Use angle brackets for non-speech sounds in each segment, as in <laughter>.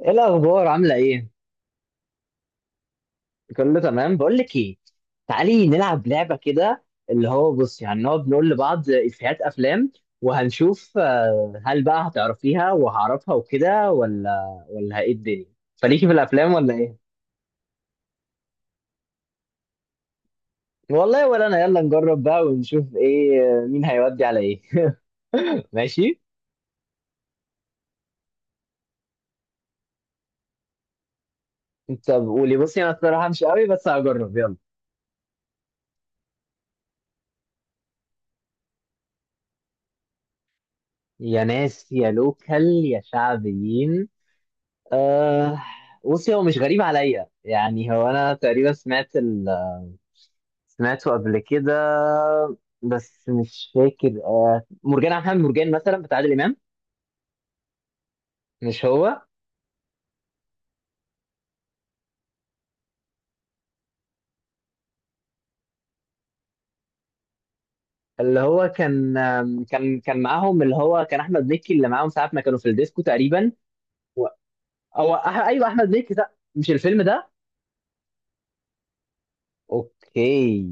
ايه الاخبار؟ عامله ايه؟ كله تمام. بقول لك ايه، تعالي نلعب لعبه كده. اللي هو بص، يعني نقعد نقول لبعض افيهات افلام وهنشوف، هل بقى هتعرفيها وهعرفها وكده ولا ايه الدنيا؟ فليكي في الافلام ولا ايه؟ والله ولا انا. يلا نجرب بقى ونشوف ايه، مين هيودي على ايه. <laughs> ماشي. طب قولي، بصي انا الصراحه مش قوي بس هجرب، يلا. يا ناس يا لوكال يا شعبيين. أه. بصي، هو مش غريب عليا، يعني هو انا تقريبا سمعته قبل كده، بس مش فاكر. أه، مرجان عبد الحميد، مرجان مثلا بتاع عادل امام؟ مش هو. اللي هو كان معاهم، اللي هو كان احمد مكي اللي معاهم ساعه ما كانوا في الديسكو تقريبا. و... ايوه، احمد مكي ده، مش الفيلم ده. اوكي.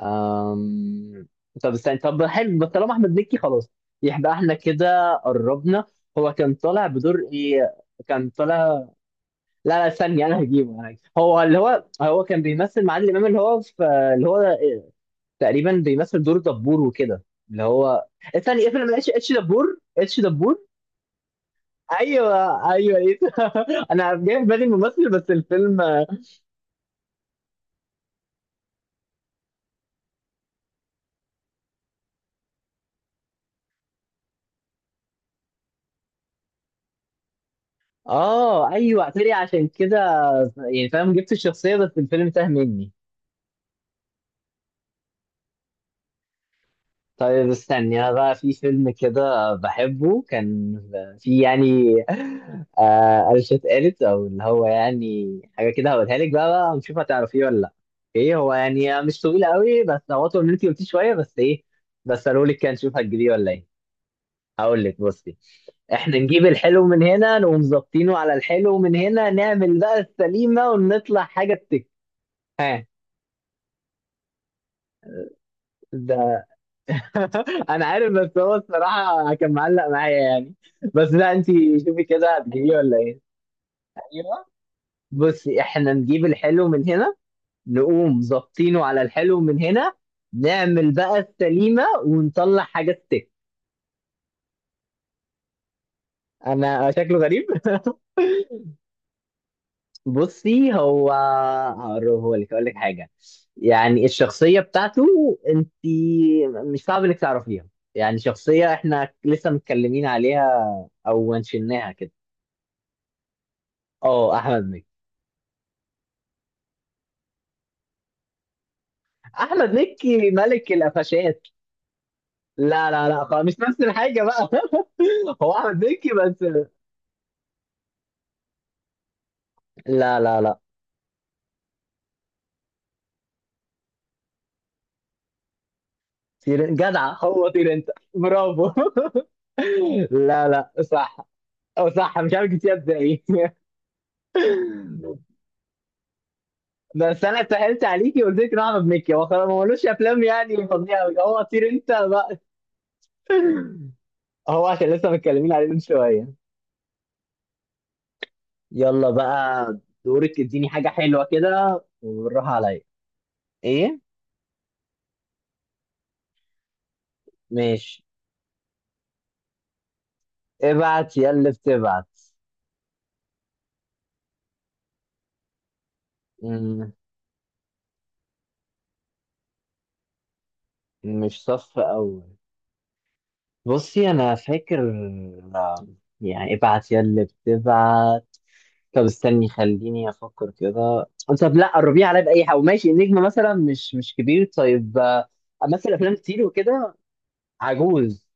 أم... طب استنى، طب حلو، بس طالما احمد مكي خلاص، يبقى احنا كده قربنا. هو كان طالع بدور ايه؟ كان طالع، لا لا ثانية، انا هجيبه انا هجيبه. هو اللي هو، هو كان بيمثل مع عادل امام، اللي هو في، اللي هو تقريبا بيمثل دور دبور وكده، اللي هو، ثانية، فيلم اتش دبور، اتش دبور. ايوه ايوه ايه. <laughs> انا جاي في بالي الممثل بس الفيلم. اه ايوه، اعتري عشان كده. يعني فاهم، جبت الشخصية بس الفيلم تاه مني. طيب استني، انا بقى في فيلم كده بحبه كان، في يعني، آه قرشة قالت، او اللي هو يعني حاجه كده هقولها لك بقى ونشوف هتعرفيه ولا لا. ايه هو يعني مش طويل قوي، بس هو طول ان انت قلتيه. بس ايه، بس قالوا لك كده، نشوف هتجيبيه ولا ايه. هقول لك، بصي، احنا نجيب الحلو من هنا، نقوم ظابطينه على الحلو من هنا، نعمل بقى السليمه ونطلع حاجه تك. ها. <laughs> انا عارف، بس هو الصراحه كان معلق معايا يعني. بس لا انت، شوفي كده هتجيبيه ولا ايه. ايوه. بصي، احنا نجيب الحلو من هنا، نقوم ظابطينه على الحلو من هنا، نعمل بقى السليمه ونطلع حاجه ستيك. انا شكله غريب. <laughs> بصي هو، هقربه لك، اقول لك حاجه، يعني الشخصيه بتاعته، انت مش صعب انك تعرفيها، يعني شخصيه احنا لسه متكلمين عليها، او منشناها كده. اه احمد مكي. احمد مكي ملك القفشات. لا لا لا، خلاص مش نفس الحاجه بقى. <laughs> هو احمد مكي بس. لا لا لا. طير جدع، هو طير انت، برافو. <laughs> لا لا، صح. او صح، مش عارف جبتيها ازاي. <laughs> بس انا سهلت عليكي وقلت لك إن هو احمد مكي، هو خلاص ما ملوش افلام يعني فظيعه أوي. هو طير انت بقى. <laughs> هو عشان لسه متكلمين عليه من شويه. يلا بقى، دورك، اديني حاجه حلوه كده وبالراحه عليا. ايه؟ ماشي. ابعت يا اللي بتبعت. مم، مش صف أول. بصي أنا فاكر، آه، يعني ابعت يا اللي بتبعت. طب استني، خليني أفكر كده. طب لا، قربيه عليا بأي حاجة. ماشي، النجم مثلا مش مش كبير، طيب، مثل أفلام كتير وكده. عجوز.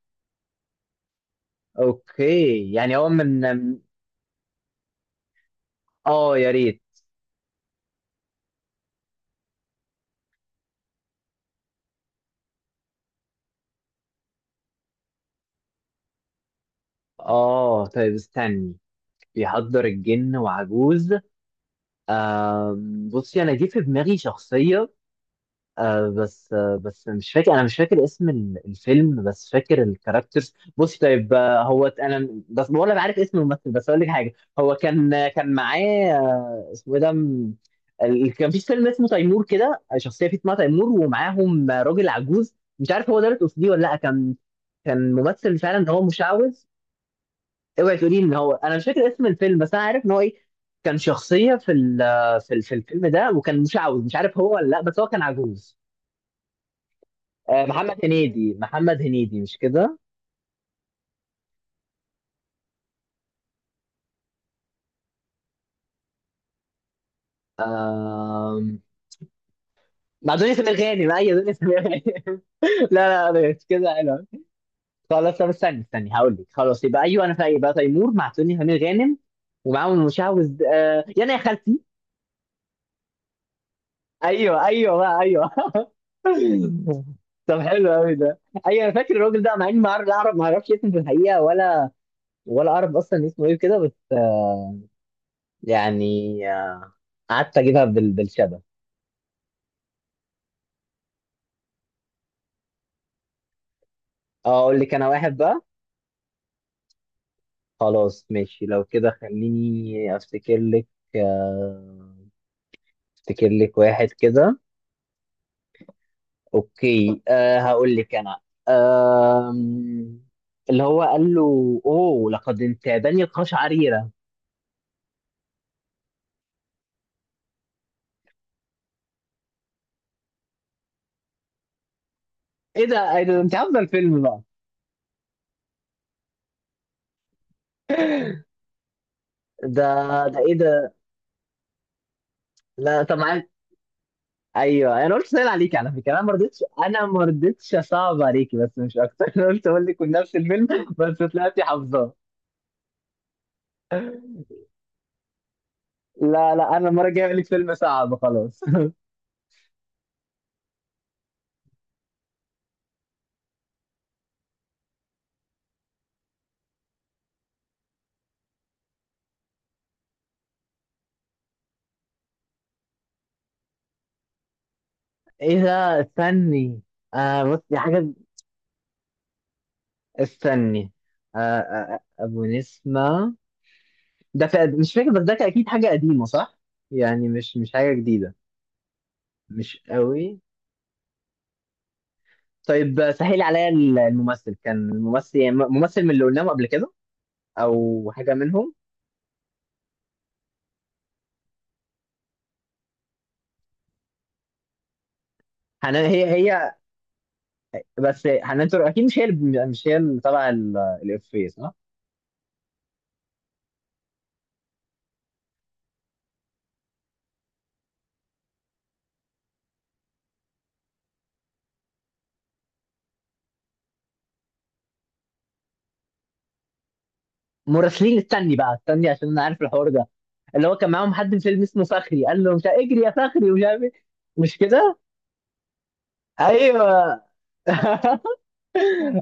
أوكي، يعني هو من. آه يا ريت. آه طيب استني، بيحضر الجن وعجوز. بصي أنا جه في دماغي شخصية، آه بس، آه بس مش فاكر، انا مش فاكر اسم الفيلم، بس فاكر الكاركترز. بص طيب، آه هو انا بس ولا عارف اسم الممثل، بس اقول لك حاجه. هو كان، كان معاه، آه اسمه ايه ده، كان في فيلم اسمه تيمور كده، شخصيه فيه اسمها تيمور، ومعاهم راجل عجوز، مش عارف هو ده اللي تقصديه ولا لا. كان كان ممثل فعلا ان هو مشعوذ. اوعي تقولي ان هو، انا مش فاكر اسم الفيلم بس انا عارف ان هو ايه. كان شخصيه في الفيلم ده، وكان مشعوذ مش عارف هو ولا لا، بس هو كان عجوز. محمد هنيدي، محمد هنيدي، مش كده؟ آم، مع دنيا سمير غانم، ايوه دنيا سمير غانم. <laughs> لا لا، مش كده حلو. خلاص، طب استني استني، هقول لك، خلاص يبقى ايوه، انا فايق بقى، تيمور مع دنيا سمير غانم ومعاهم المشعوذ، يانا يا خالتي. ايوه ايوه بقى، ايوه. <laughs> طب حلو قوي ده. ايوه انا فاكر الراجل ده، مع اني ما اعرف، لا أعرف- ما اعرفش اسمه في الحقيقه، ولا ولا اعرف اصلا اسمه ايه كده، بس يعني قعدت اجيبها بالشبه. اه اقول لك انا واحد بقى. خلاص ماشي، لو كده خليني افتكر لك، آه، افتكر لك واحد كده. اوكي أه، هقول لك انا، آم، اللي هو قال له، اوه لقد انتابني القش عريرة. ايه ده، ايه ده، انت عارفه الفيلم بقى؟ ده، ده ايه ده؟ لا طب معاك. ايوه، انا قلت سهل عليك على فكره، انا ما رضيتش، انا ما رضيتش اصعب عليكي بس مش اكتر. <laughs> انا قلت اقول لك من نفس الفيلم. بس طلعتي حافظاه. لا لا، انا المره الجايه اقول لك فيلم صعب خلاص. ايه ده؟ استني، آه بص دي حاجة. استني، آه، ابو نسمة، ده في... مش فاكر، بس ده كان اكيد حاجة قديمة صح؟ يعني مش مش حاجة جديدة. مش قوي. طيب سهل عليا، الممثل كان، الممثل يعني ممثل من اللي قلناهم قبل كده، او حاجة منهم. حنان، هي؟ هي، بس حنان ترك اكيد مش هي اللي، مش هي اللي طالعة الافيه صح؟ مراسلين، استني بقى استني، عشان انا عارف الحوار ده. اللي هو كان معاهم حد في فيلم اسمه فخري، قال له مش اجري يا فخري، ومش عارف إيه. مش كده؟ ايوه. <laughs>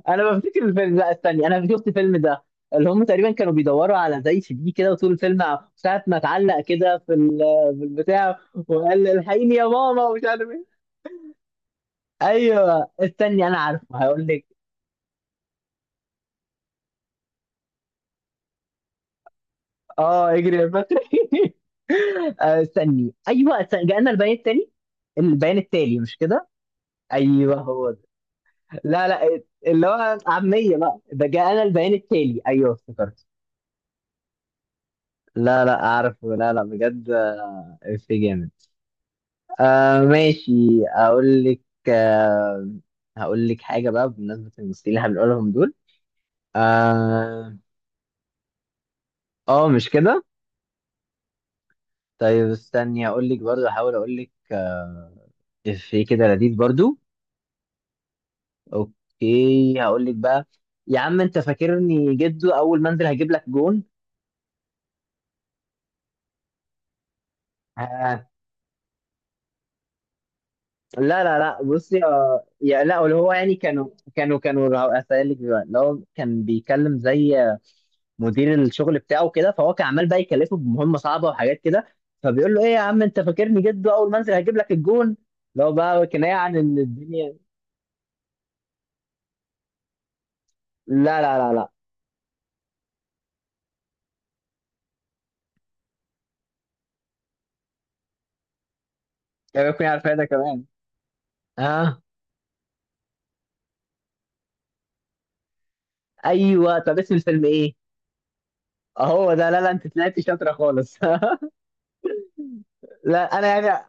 انا بفتكر الفيلم، لا استني، انا شفت الفيلم ده. اللي هم تقريبا كانوا بيدوروا على زي سي دي كده، وطول الفيلم ساعة ما اتعلق كده في البتاع، وقال الحقيني يا ماما، ومش عارف ايه. ايوه استني، انا عارفه هقول لك. اه، اجري يا بكري. <laughs> استني، ايوه استني، جاءنا البيان التالي. البيان التالي، مش كده؟ ايوه هو ده. لا لا، اللي هو عاميه بقى ده، جاءنا البيان التالي، ايوه افتكرت. لا لا اعرف، لا لا، بجد. في جامد. آه ماشي، اقول لك، آه، هقول لك حاجه بقى بمناسبه الممثلين اللي هنقولهم دول. اه. مش كده؟ طيب استني، هقول لك برضو، هحاول اقول لك، في كده لذيذ برضو. اوكي هقول لك بقى، يا عم انت فاكرني جدو، اول ما انزل هجيب لك جون. آه. لا لا لا، بصي، آه يا لا، اللي هو يعني كانوا، كانوا هسألك دلوقتي، اللي هو كان بيتكلم زي مدير الشغل بتاعه كده، فهو كان عمال بقى يكلفه بمهمه صعبه وحاجات كده، فبيقول له ايه يا عم انت فاكرني جد، اول ما انزل هجيب لك الجون. لو بقى كنايه عن ان الدنيا. لا. يا بيكون عارف ده كمان. اه، ايوه. طب اسم الفيلم ايه؟ اهو ده، لا لا انت طلعت شاطره خالص. <laughs> لا انا يعني،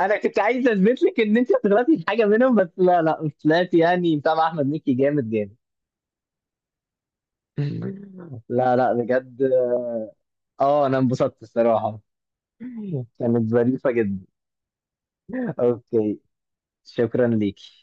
انا كنت عايز اثبت لك ان انت طلعتي في حاجه منهم، بس لا لا مش طلعتي، يعني متابع احمد مكي جامد جامد. <laughs> لا لا بجد. اه انا انبسطت الصراحه. كانت ظريفه جدا. اوكي، شكرا ليك.